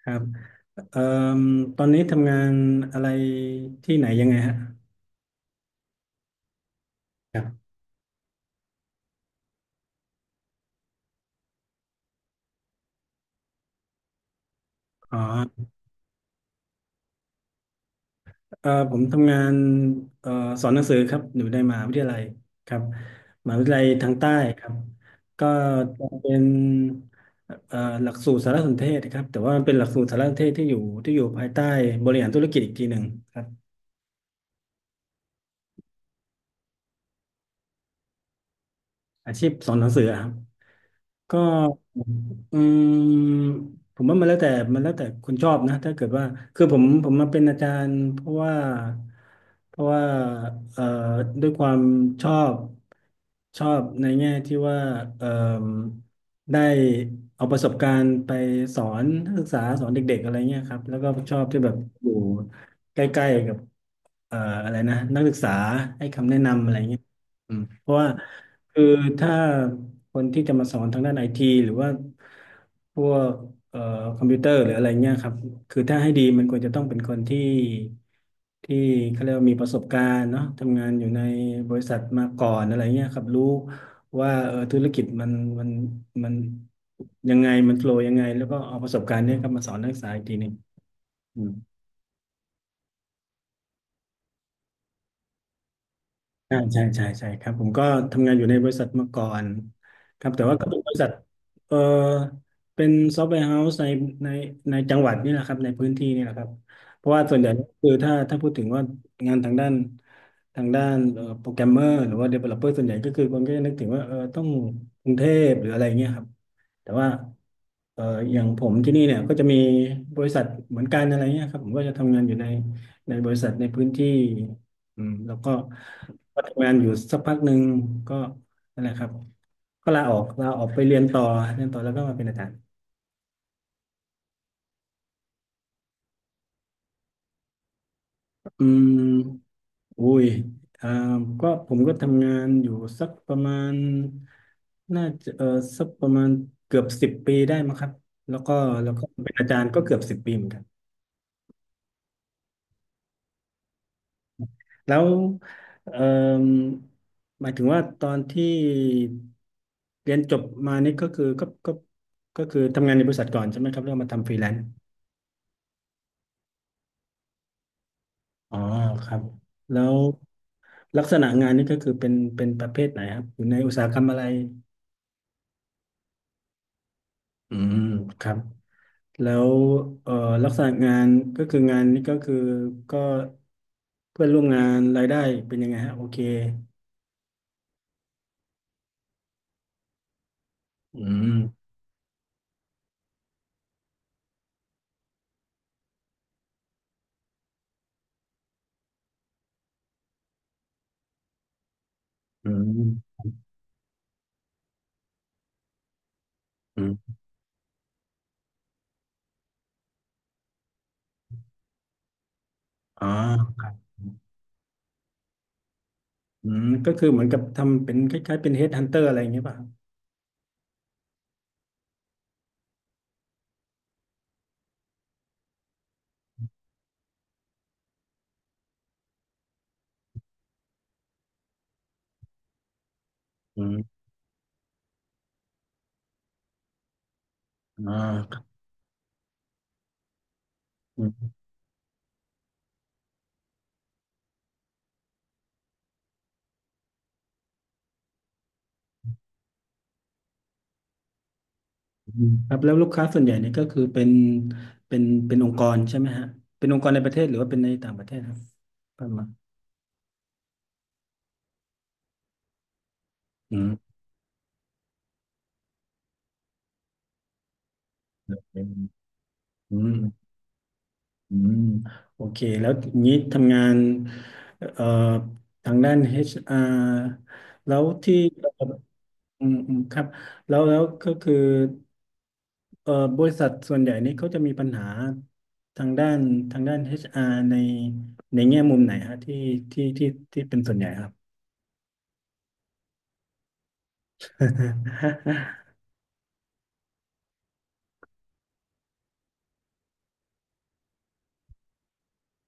ครับเอ่อตอนนี้ทำงานอะไรที่ไหนยังไงฮะครับอ๋อผมทำงานเอ่อสอนหนังสือครับอยู่ในมหาวิทยาลัยครับมหาวิทยาลัยทางใต้ครับก็จะเป็นเอ่อหลักสูตรสารสนเทศครับแต่ว่ามันเป็นหลักสูตรสารสนเทศที่อยู่ภายใต้บริหารธุรกิจอีกทีหนึ่งครับอาชีพสอนหนังสือครับ ก็อืมผมว่ามันแล้วแต่คนชอบนะถ้าเกิดว่าคือผมมาเป็นอาจารย์เพราะว่าเพราะว่าเอ่อด้วยความชอบชอบในแง่ที่ว่าเอ่อได้เอาประสบการณ์ไปสอนนักศึกษาสอนเด็กๆอะไรเงี้ยครับแล้วก็ชอบที่แบบอยู่ใกล้ๆกับเอ่ออะไรนะนักศึกษาให้คำแนะนำอะไรเงี้ย อืมเพราะว่าคือถ้าคนที่จะมาสอนทางด้านไอทีหรือว่าพวกเอ่อคอมพิวเตอร์หรืออะไรเงี้ยครับคือถ้าให้ดีมันควรจะต้องเป็นคนที่เขาเรียกว่ามีประสบการณ์เนาะทำงานอยู่ในบริษัทมาก่อนอะไรเงี้ยครับรู้ว่าเออธุรกิจมันมันยังไงมันโฟลว์ยังไงแล้วก็เอาประสบการณ์เนี้ยครับมาสอนนักศึกษาอีกทีหนึ่งอืม ใช่าใช่ครับผมก็ทำงานอยู่ในบริษัทมาก่อนครับแต่ว่าก็เป็นบริษัทเออเป็นซอฟต์แวร์เฮาส์ในในจังหวัดนี่แหละครับในพื้นที่นี่แหละครับเพราะว่าส่วนใหญ่ก็คือถ้าพูดถึงว่างานทางด้านโปรแกรมเมอร์หรือว่า Developer ส่วนใหญ่ก็คือคนก็จะนึกถึงว่าเออต้องกรุงเทพหรืออะไรเงี้ยครับ แต่ว่าเอ่ออย่างผมที่นี่เนี่ยก็จะมีบริษัทเหมือนกันอะไรเงี้ยครับผมก็จะทำงานอยู่ในบริษัทในพื้นที่อืมแล้วก็ก็ทำงานอยู่สักพักหนึ่งก็นั่นแหละครับก็ลาออกไปเรียนต่อเรียนต่อแล้วก็มาเป็นอาจารย์อืมอุ้ยอ่าก็ผมก็ทำงานอยู่สักประมาณน่าจะเออสักประมาณเกือบสิบปีได้มั้งครับแล้วก็เป็นอาจารย์ก็เกือบสิบปีเหมือนกัน แล้วเอ่มหมายถึงว่าตอนที่เรียนจบมานี่ก็คือก็คือทำงานในบริษัทก่อนใช่ไหมครับแล้วมาทำฟรีแลนซ์อ๋อครับแล้วลักษณะงานนี่ก็คือเป็นประเภทไหนครับอยู่ในอุตสาหกรรมอะไรอืมครับแล้วเอ่อลักษณะงานก็คืองานนี่ก็คือก็เพื่อนร่วมงานรายได้เป็นยังไงฮะโอเคอืมอืมอืมอ๋อ อืมก็คือเหมือนกับทำเป็นคล้ายๆเป็นเฮดฮันเตอร์อะไรอย่างเงี้ยป่ะครับอืมอ่าครับอืมครับแล้วลูกค้าส่วนใหญ่เนี่ยก็คือเป็นเป็นองค์กรใช่ไหมฮะเป็นองค์กรในประเทศหรือว่าเป็นในต่างประเทศครับประมาณอืมอืมอืมโอเคแล้วอย่างนี้ทำงานเอ่อทางด้าน HR แล้วที่อืมอืมครับแล้วก็คือ เอ่อบริษัทส่วนใหญ่นี่เขาจะมีปัญหาทางด้านHR ในในแง่มุมไหนฮะที่ที่เป็นส่วนใหญ่ครับ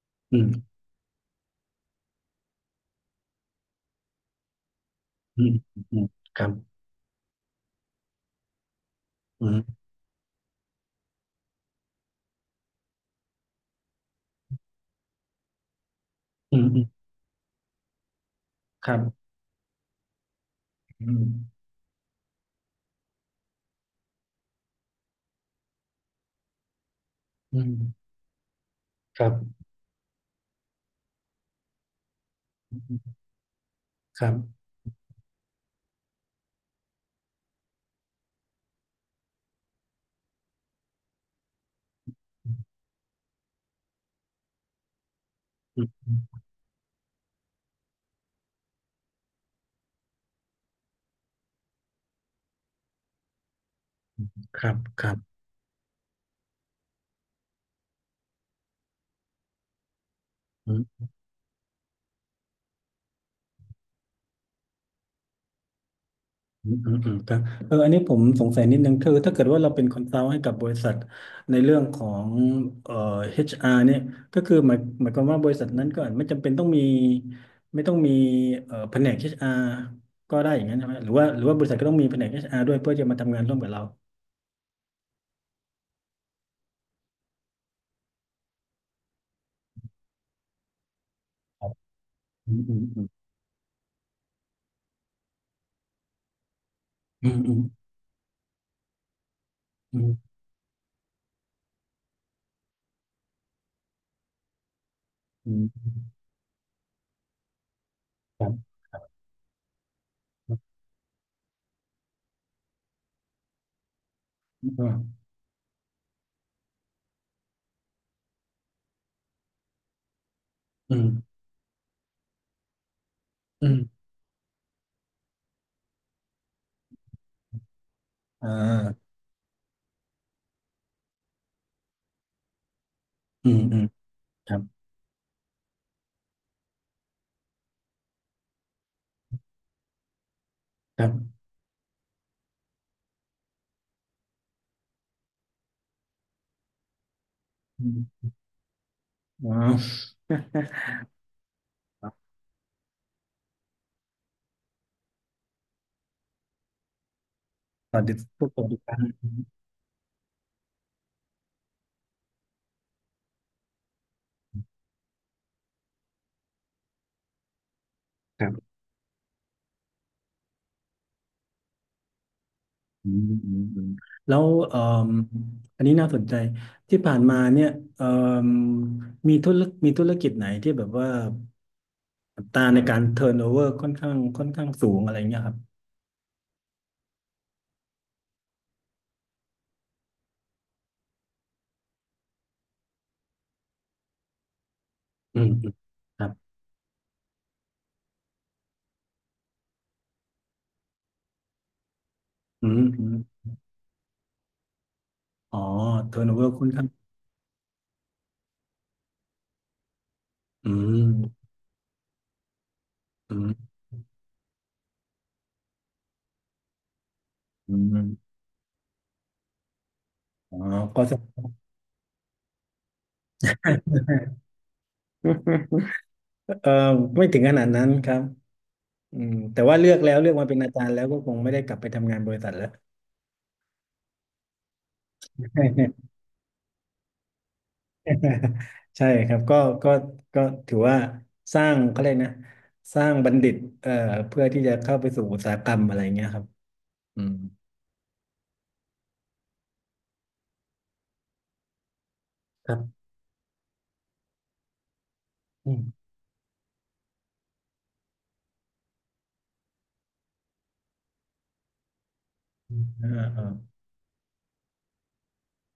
อืมอืมอืมครับอืมอืมอืมครับอืมอืมครับครับอืมครับครับอืม อืมอืมอืมครับเอออันนี้ผมสงสัยนิดนึงคือถ้าเกิดว่าเราเป็นคอนซัลท์ให้กับบริษัทในเรื่องของเอ่อ HR เนี่ยก็คือหมายความว่าบริษัทนั้นก็อาจไม่จำเป็นต้องมีไม่ต้องมีแผนก HR ก็ได้อย่างนั้นใช่ไหมหรือว่าบริษัทก็ต้องมีแผนก HR ด้วยเพื่อจะมาทำงานร่วมกับเราครับอืมอืมอืมอืมอืมอืมอืมครับครับอืมอืมอ่าอืมอืมครับครับอืมว้าว สวัสดีทุกคนอีกครั้ง ครับอืมอืมอืมแล้วเอ่มอันนี้น่าสนใจที่ผ่านมาเนี่ยเอ่มมีธุรมีธุรกิจไหนที่แบบว่าอัตราในการเทิร์นโอเวอร์ค่อนข้างสูงอะไรเงี้ยครับอืมอืมครับอืมอืมอ๋อเทิร์นโอเวอร์ค่อนข้างอืมอืมอืมอ๋อก็จะ เออไม่ถึงขนาดนั้นครับอืมแต่ว่าเลือกแล้วเลือกมาเป็นอาจารย์แล้วก็คงไม่ได้กลับไปทำงานบริษัทแล้ว ใช่ครับก็ก็ก็ถือว่าสร้างเขาเรียกนะสร้างบัณฑิตเอ่อเพื่อที่จะเข้าไปสู่อุตสาหกรรมอะไรเงี้ยครับอืมครับอืมอืมอ่าอ่า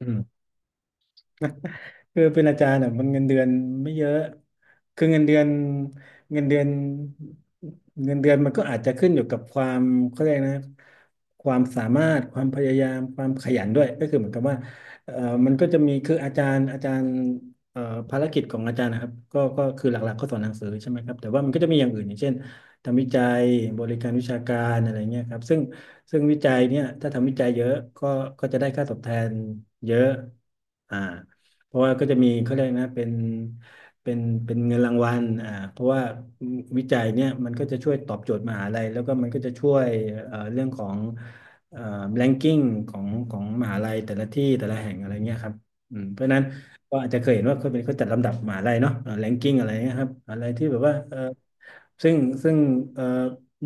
อืม คือเป็นอาจารย์อ่ะมันเงินเดือนไม่เยอะคือเงินเดือนเงินเดือนมันก็อาจจะขึ้นอยู่กับความเขาเรียกนะความสามารถความพยายามความขยันด้วยก็คือเหมือนกับว่าเอ่อมันก็จะมีคืออาจารย์เอ่อภารกิจของอาจารย์นะครับก็คือหลักๆก็สอนหนังสือใช่ไหมครับแต่ว่ามันก็จะมีอย่างอื่นอย่างเช่นทำวิจัยบริการวิชาการอะไรเงี้ยครับซึ่งวิจัยเนี่ยถ้าทำวิจัยเยอะก็ก็จะได้ค่าตอบแทนเยอะอ่า เพราะว่าก็จะมีเขาเรียกนะเป็นเป็นเงินรางวัลอ่าเพราะว่าวิจัยเนี่ยมันก็จะช่วยตอบโจทย์มหาลัยแล้วก็มันก็จะช่วยเรื่องของเอ่อ ranking ของของมหาลัยแต่ละที่แต่ละแห่งอะไรเงี้ยครับอืมเพราะฉะนั้นก็อาจจะเคยเห็นว่าเขาเป็นเขาจัดลำดับมหาลัยเนาะranking อะไรเงี้ยครับอะไรที่แบบว่าซึ่งซึ่งเอ่อ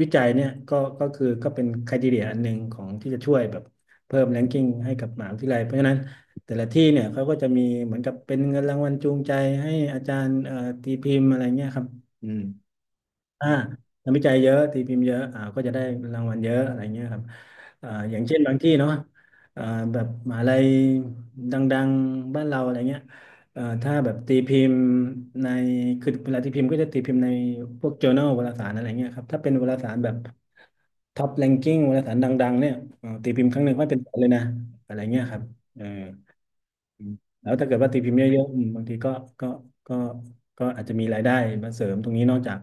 วิจัยเนี่ยก็คือก็เป็น criteria อันหนึ่งของที่จะช่วยแบบเพิ่ม ranking ให้กับมหาวิทยาลัยเพราะฉะนั้น แต่ละที่เนี่ยเขาก็จะมีเหมือนกับเป็นเงินรางวัลจูงใจให้อาจารย์ตีพิมพ์อะไรเงี้ยครับอืมอ่านักวิจัยเยอะตีพิมพ์เยอะอ่าก็จะได้รางวัลเยอะอะไรเงี้ยครับอ่าอย่างเช่นบางที่เนาะอ่าแบบมหาลัยดังๆบ้านเราอะไรเงี้ยถ้าแบบตีพิมพ์ในคือเวลาตีพิมพ์ก็จะตีพิมพ์ในพวก journal วารสารอะไรเงี้ยครับถ้าเป็นวารสารแบบท็อปแรงกิ้งวารสารดังๆเนี่ยตีพิมพ์ครั้งหนึ่งก็เป็นแสนเลยนะอะไรเงี้ยครับเออ อืมแล้วถ้าเกิดว่าตีพิมพ์เยอะๆอืมบางทีก็ก็ก็ก็อาจจะมีรายได้มาเสริมตรงนี้นอกจาก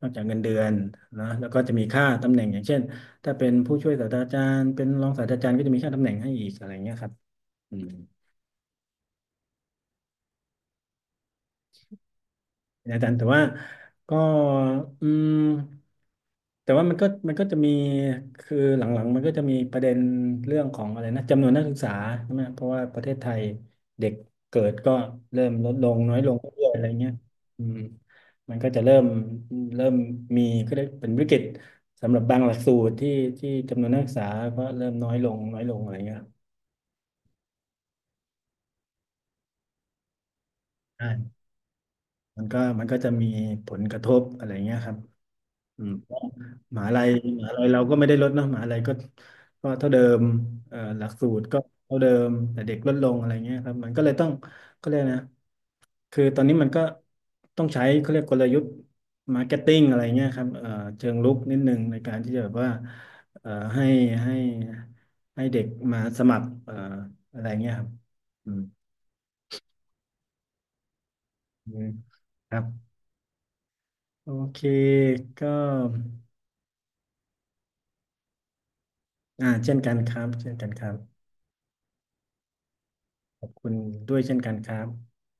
เงินเดือนนะแล้วก็จะมีค่าตำแหน่งอย่างเช่นถ้าเป็นผู้ช่วยศาสตราจารย์เป็นรองศาสตราจารย์ก็จะมีค่าตำแหน่งให้อีกอะไรเงี้ยครับอืม อาจารย์แต่ว่าก็อืมแต่ว่ามันก็จะมีคือหลังๆมันก็จะมีประเด็นเรื่องของอะไรนะจำนวนนักศึกษาใช่ไหมเพราะว่าประเทศไทยเด็กเกิดก็เริ่มลดลงน้อยลงเรื่อยๆอะไรเงี้ยอืมมันก็จะเริ่มเริ่มมีก็ได้เป็นวิกฤตสำหรับบางหลักสูตรที่จำนวนนักศึกษาก็เริ่มน้อยลงน้อยลงอะไรเงี้ยใช่มันก็จะมีผลกระทบอะไรเงี้ยครับอืม มหาลัยเราก็ไม่ได้ลดเนาะมหาลัยก็ก็เท่าเดิมหลักสูตรก็เท่าเดิมแต่เด็กลดลงอะไรเงี้ยครับมันก็เลยต้องก็เลยกนะคือตอนนี้มันก็ต้องใช้เขาเรียกกลยุทธ์มาร์เก็ตติ้งอะไรเงี้ยครับเชิงรุกนิดนึงในการที่จะแบบว่าให้ให้ให้เด็กมาสมัครอะไรเงี้ยครับอืมอืมครับโอเคก็อ่าเช่นกันครับเช่นกันครับขอบคุณด้วยเช่นกันครับ